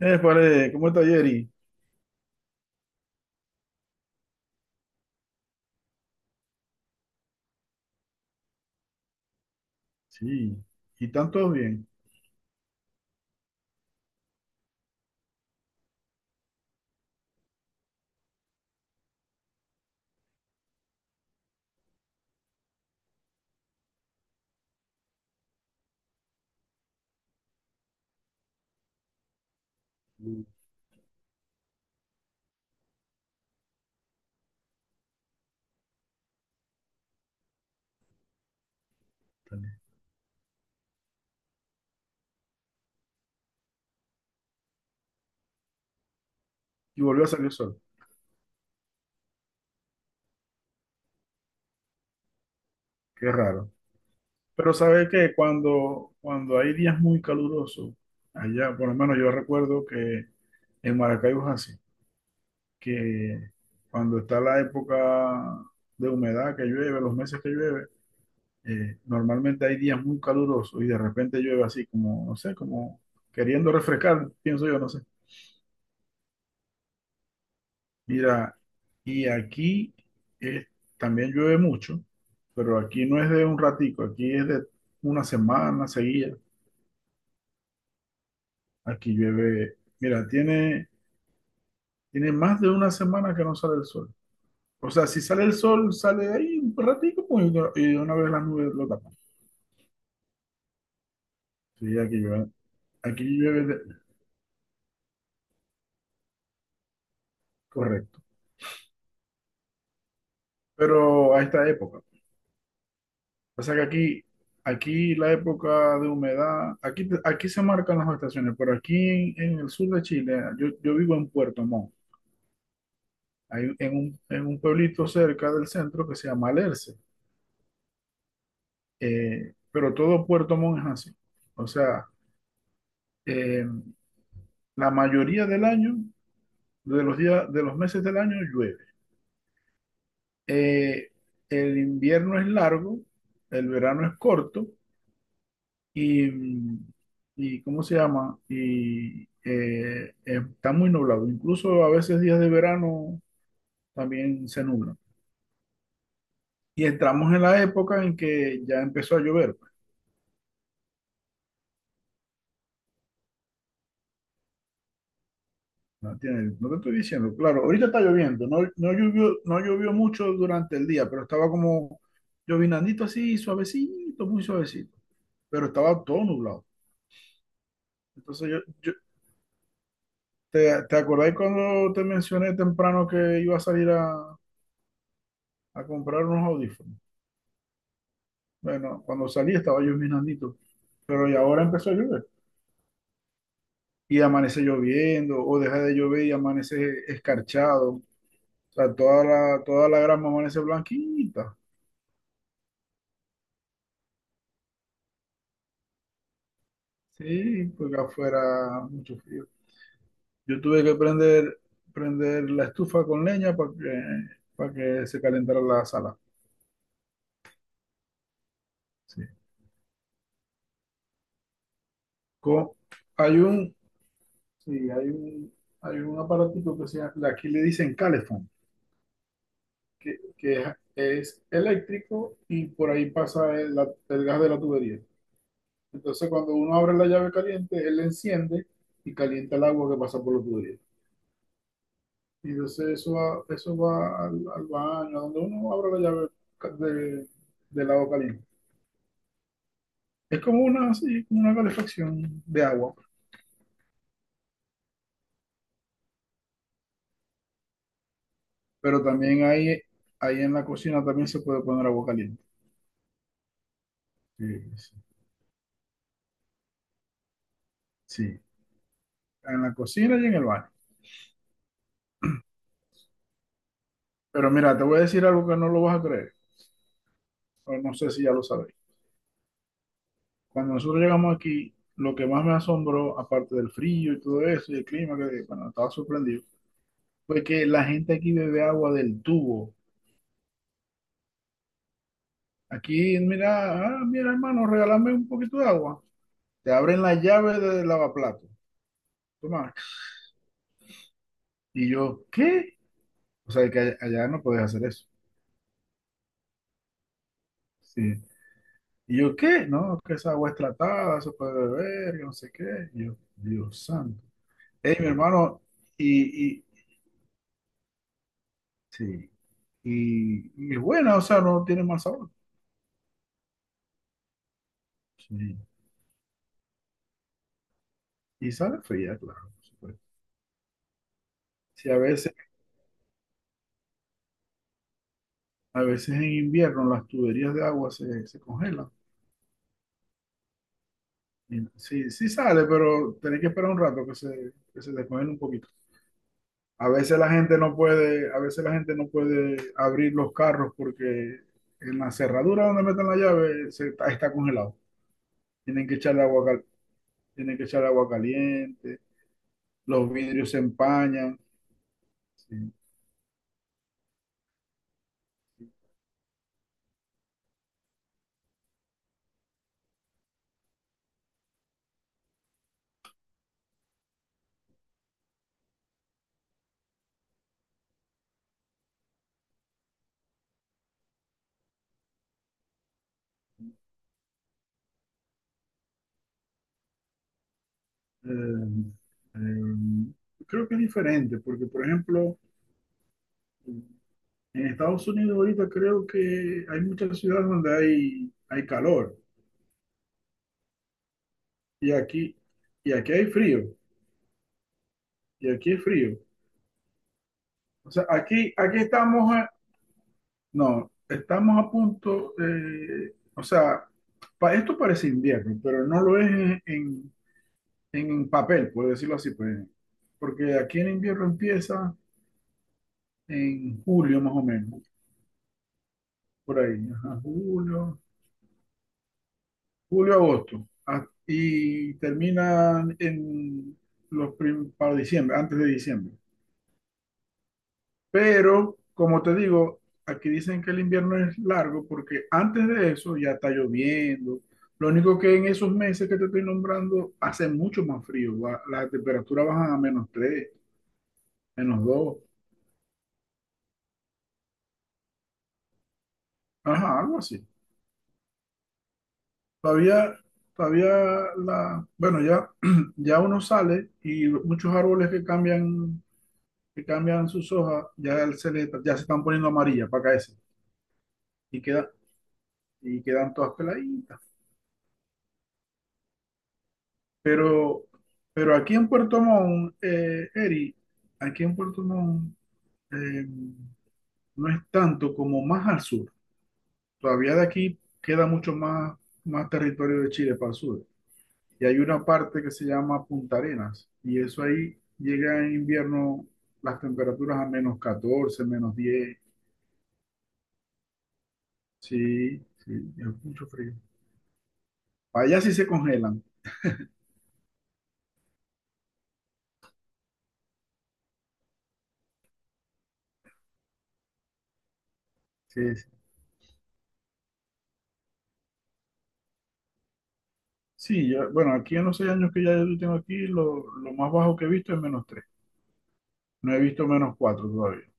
Vale, ¿cómo está Jerry? Sí, y están todos bien. Útale. Y volvió a salir el sol, qué raro. Pero ¿sabe qué? Cuando hay días muy calurosos, allá, por lo menos yo recuerdo que en Maracaibo es así, que cuando está la época de humedad que llueve, los meses que llueve, normalmente hay días muy calurosos y de repente llueve así como, no sé, como queriendo refrescar, pienso yo, no sé. Mira, y aquí eh, también llueve mucho, pero aquí no es de un ratico, aquí es de una semana seguida. Aquí llueve, mira, tiene, tiene más de una semana que no sale el sol. O sea, si sale el sol, sale ahí un ratico pues, y de una vez las nubes lo tapan. Sí, aquí llueve, aquí llueve, de- correcto, pero a esta época. O sea que aquí, aquí la época de humedad, aquí, aquí se marcan las estaciones, pero aquí en el sur de Chile, yo vivo en Puerto Montt, hay, en un pueblito cerca del centro que se llama Alerce, pero todo Puerto Montt es así. O sea, eh, la mayoría del año, de los días, de los meses del año llueve. Eh, el invierno es largo, el verano es corto. Y, y ¿cómo se llama? Y está muy nublado. Incluso a veces días de verano también se nubla. Y entramos en la época en que ya empezó a llover, pues. ¿No entiendes? No te estoy diciendo, claro, ahorita está lloviendo. No, no llovió, no llovió mucho durante el día, pero estaba como llovinandito así, suavecito, muy suavecito. Pero estaba todo nublado. Entonces ¿te acordás cuando te mencioné temprano que iba a salir a comprar unos audífonos? Bueno, cuando salí estaba llovinandito, pero y ahora empezó a llover. Y amanece lloviendo, o deja de llover y amanece escarchado. O sea, toda la grama amanece blanquita. Sí, porque afuera mucho frío. Yo tuve que prender, prender la estufa con leña para que se calentara la sala. Sí. Co- hay un, sí, hay un aparatito que se llama, aquí le dicen calefón. que, que es, eléctrico y por ahí pasa el gas de la tubería. Entonces, cuando uno abre la llave caliente, él la enciende y calienta el agua que pasa por la tubería. Y entonces eso va al, al baño, donde uno abre la llave ca- de, del agua caliente. Es como una, sí, como una calefacción de agua, pero también ahí en la cocina también se puede poner agua caliente. Sí, sí, sí, en la cocina y en el baño. Pero mira, te voy a decir algo que no lo vas a creer, o no sé si ya lo sabes. Cuando nosotros llegamos aquí, lo que más me asombró, aparte del frío y todo eso, y el clima, que bueno, estaba sorprendido, fue que la gente aquí bebe agua del tubo. Aquí, mira, ah, mira, hermano, regálame un poquito de agua. Te abren la llave del lavaplato. Toma. Y yo, ¿qué? O sea, que allá no podés hacer eso. Sí. Y yo, ¿qué? No, que esa agua es tratada, eso puede beber, que no sé qué. Y yo, Dios santo. Ey, mi hermano, y sí. Y es buena, o sea, no tiene mal sabor. Sí. Y sale fría, claro, por supuesto. Sí, a veces en invierno las tuberías de agua se congelan. Y sí, sí sale, pero tenés que esperar un rato que se descongele un poquito. A veces la gente no puede, a veces la gente no puede abrir los carros porque en la cerradura donde meten la llave está congelado. Tienen que echarle agua, tienen que echarle agua caliente, los vidrios se empañan. Sí. Eh, eh, creo que es diferente, porque por ejemplo, en Estados Unidos ahorita creo que hay muchas ciudades donde hay calor y aquí, y aquí hay frío, y aquí es frío. O sea, aquí estamos, no, estamos a punto, o sea, esto parece invierno, pero no lo es en, en papel, por decirlo así, pues, porque aquí en invierno empieza en julio más o menos, por ahí, ajá, julio, julio, agosto, y terminan en para diciembre, antes de diciembre. Pero, como te digo, aquí dicen que el invierno es largo porque antes de eso ya está lloviendo. Lo único que en esos meses que te estoy nombrando hace mucho más frío, la temperatura baja a -3, -2, ajá, algo así. Todavía, todavía la, bueno, ya, ya uno sale y muchos árboles que cambian sus hojas, ya se están poniendo amarillas para caerse y, y quedan todas peladitas. Pero, pero aquí en Puerto Montt, Eri, aquí en Puerto Montt eh, no es tanto como más al sur. Todavía de aquí queda mucho más, más territorio de Chile para el sur. Y hay una parte que se llama Punta Arenas y eso ahí llega en invierno las temperaturas a -14, -10. Sí, sí, es mucho frío. Allá sí se congelan. Sí, sí. Sí, ya- bueno, aquí en los 6 años que ya yo tengo aquí, lo más bajo que he visto es -3. No he visto -4 todavía.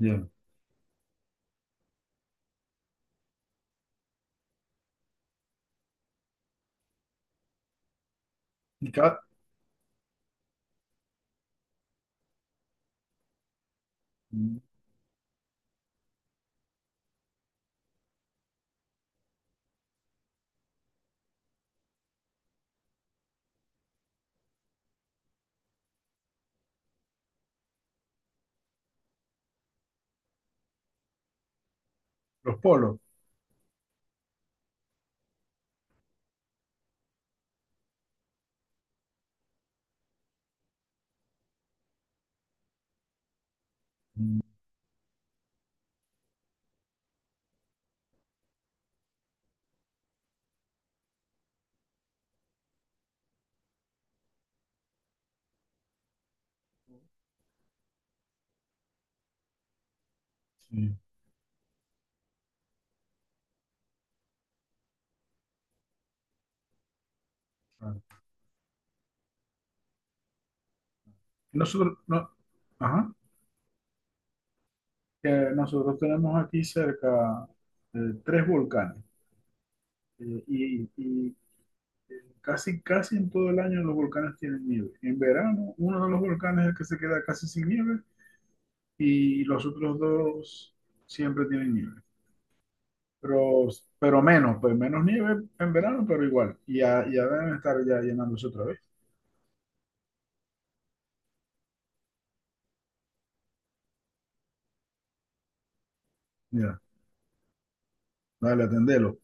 Bien. Y cada, los polos. Mm, sí, claro. Nosotros, no, ajá, que nosotros tenemos aquí cerca eh, 3 volcanes. Eh, y y, casi, casi en todo el año los volcanes tienen nieve. En verano, uno de los volcanes es el que se queda casi sin nieve y los otros dos siempre tienen nieve. Pero, pero menos, pues menos nieve en verano, pero igual. Y ya, ya deben estar ya llenándose otra vez. Mira, dale, atendelo.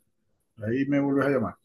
Ahí me vuelves a llamar.